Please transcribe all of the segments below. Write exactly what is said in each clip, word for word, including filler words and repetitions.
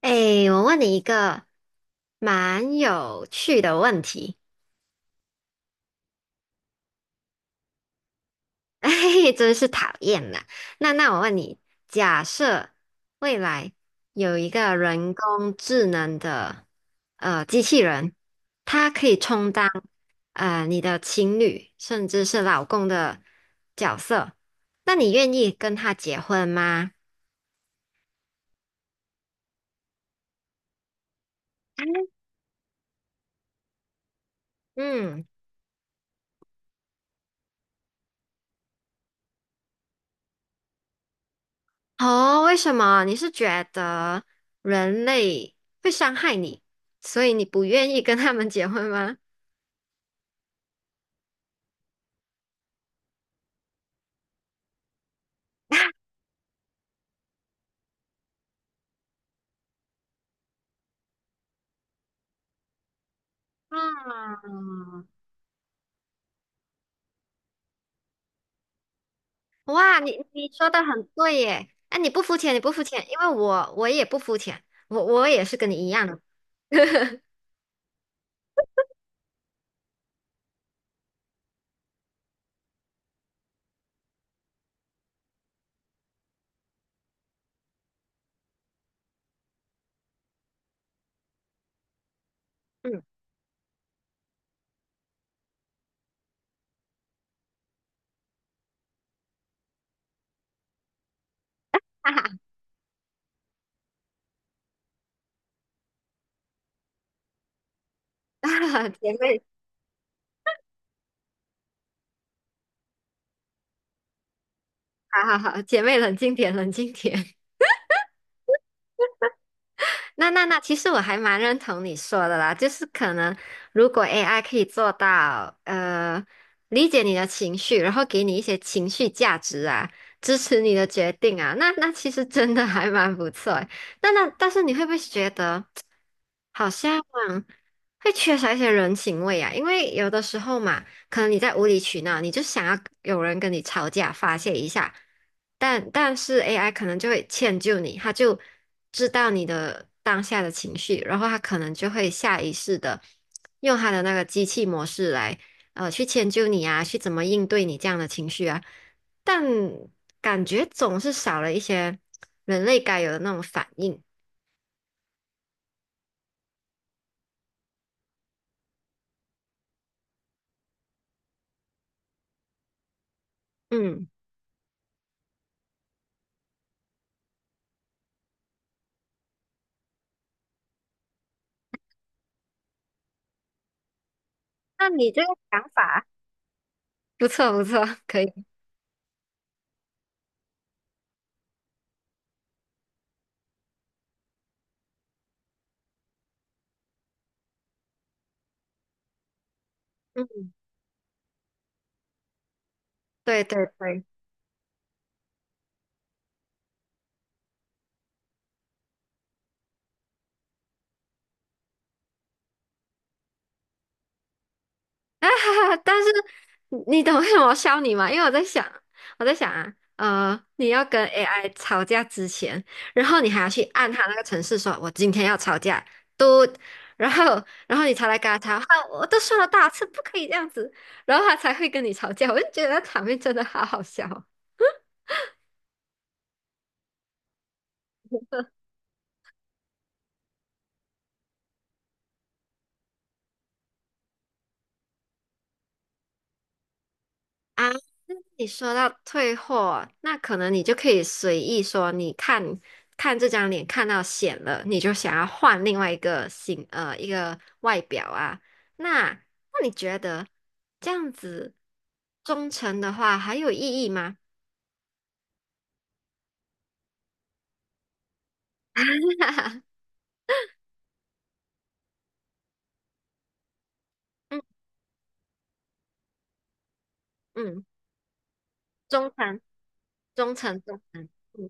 哎，我问你一个蛮有趣的问题，哎，真是讨厌啦。那那我问你，假设未来有一个人工智能的呃机器人，它可以充当呃你的情侣甚至是老公的角色，那你愿意跟他结婚吗？嗯。哦，为什么？你是觉得人类会伤害你，所以你不愿意跟他们结婚吗？啊，哇，你你说的很对耶！哎，你不肤浅，你不肤浅，因为我我也不肤浅，我我也是跟你一样的。嗯，哈哈，姐妹，好好好，姐妹冷静点，冷静点。那那那，其实我还蛮认同你说的啦，就是可能如果 A I 可以做到呃理解你的情绪，然后给你一些情绪价值啊，支持你的决定啊，那那其实真的还蛮不错诶。那那但是你会不会觉得好像会缺少一些人情味啊？因为有的时候嘛，可能你在无理取闹，你就想要有人跟你吵架发泄一下，但但是 A I 可能就会迁就你，他就知道你的当下的情绪，然后他可能就会下意识的用他的那个机器模式来呃去迁就你啊，去怎么应对你这样的情绪啊，但感觉总是少了一些人类该有的那种反应。嗯，那你这个想法不错不错，可以。嗯，对对对。啊哈哈！但是你懂为什么我笑你吗？因为我在想，我在想啊，呃，你要跟 A I 吵架之前，然后你还要去按他那个程式说，我今天要吵架，嘟，然后然后你才来跟他吵，啊，我都说了多少次不可以这样子，然后他才会跟你吵架。我就觉得场面真的好好笑哦啊。你说到退货，那可能你就可以随意说，你看看这张脸看到显了，你就想要换另外一个形，呃，一个外表啊。那那你觉得这样子忠诚的话还有意义吗？嗯嗯，忠诚，忠诚，忠诚。嗯，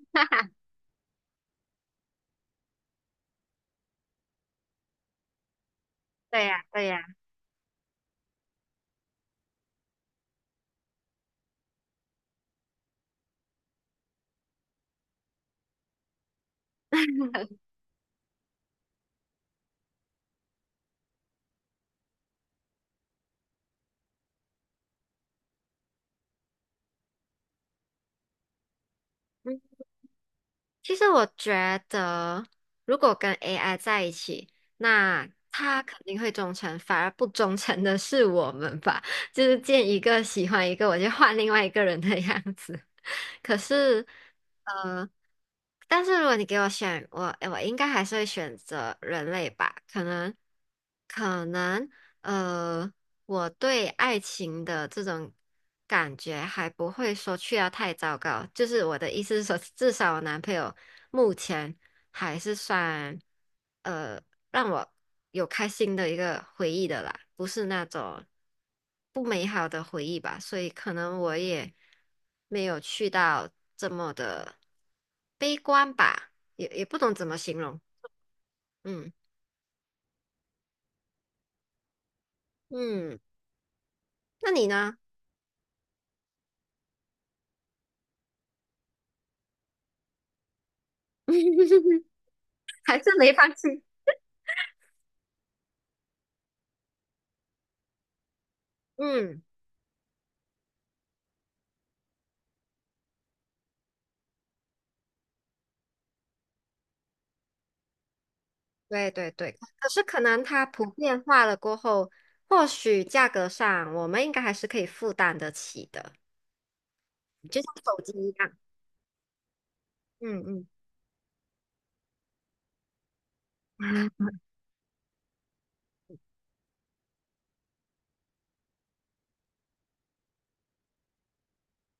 对呀，对呀。嗯其实我觉得，如果跟 A I 在一起，那他肯定会忠诚，反而不忠诚的是我们吧？就是见一个喜欢一个，我就换另外一个人的样子。可是，呃，但是如果你给我选，我诶我应该还是会选择人类吧。可能，可能，呃，我对爱情的这种感觉还不会说去到太糟糕。就是我的意思是说，至少我男朋友目前还是算。呃。让我有开心的一个回忆的啦，不是那种不美好的回忆吧，所以可能我也没有去到这么的悲观吧，也也不懂怎么形容。嗯嗯，那你呢？还是没放弃？嗯，对对对，可是可能它普遍化了过后，或许价格上我们应该还是可以负担得起的，就像手机一样。嗯嗯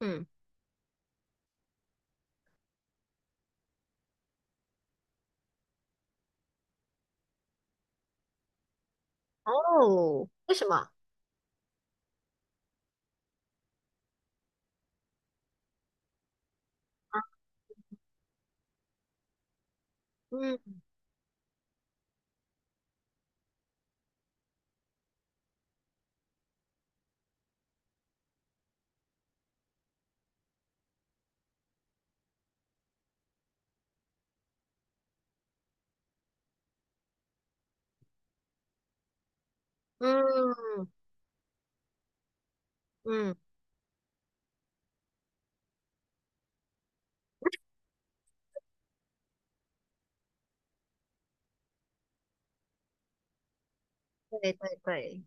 嗯。哦，为什么？嗯嗯嗯，对对对，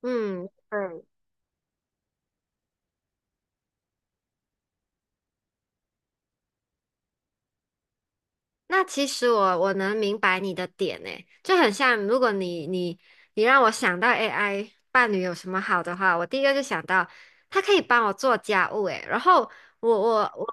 嗯对，那其实我我能明白你的点诶，就很像如果你你你让我想到 A I 伴侣有什么好的话，我第一个就想到它可以帮我做家务诶，然后我我我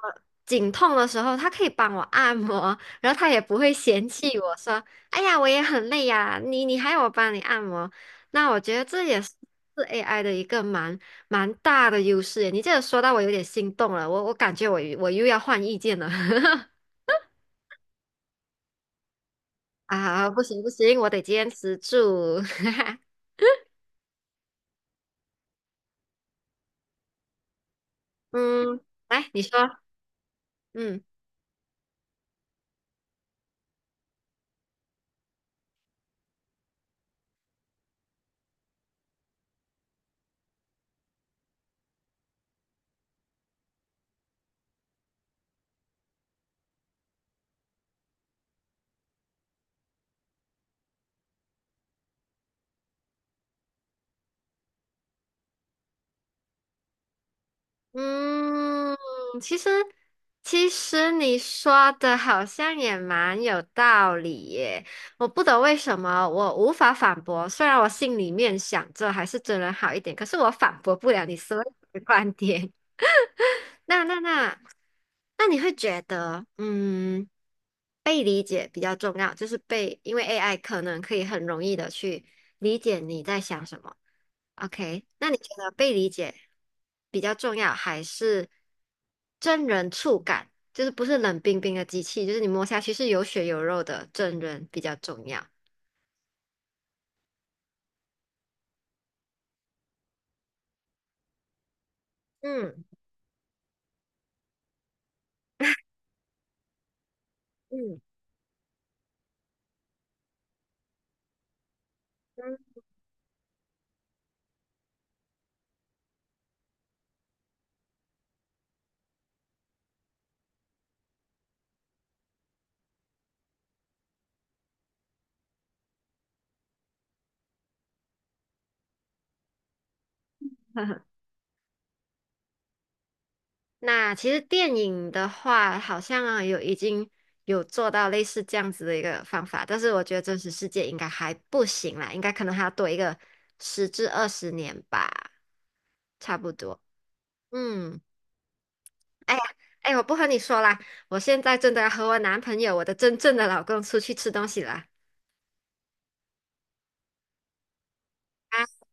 颈痛的时候，它可以帮我按摩，然后它也不会嫌弃我说，哎呀，我也很累呀，你你还要我帮你按摩，那我觉得这也是。是 A I 的一个蛮蛮大的优势诶，你这个说到我有点心动了，我我感觉我我又要换意见了。啊，不行不行，我得坚持住。嗯，来，你说，嗯嗯，其实其实你说的好像也蛮有道理耶。我不懂为什么我无法反驳，虽然我心里面想着还是真人好一点，可是我反驳不了你所有的观点。那那那，那你会觉得，嗯，被理解比较重要，就是被，因为 A I 可能可以很容易的去理解你在想什么。OK，那你觉得被理解比较重要，还是真人触感？就是不是冷冰冰的机器，就是你摸下去是有血有肉的真人比较重要。嗯嗯嗯，那其实电影的话，好像啊有已经有做到类似这样子的一个方法，但是我觉得真实世界应该还不行啦，应该可能还要多一个十至二十年吧，差不多。嗯，哎呀，哎，我不和你说啦，我现在真的要和我男朋友，我的真正的老公出去吃东西啦。啊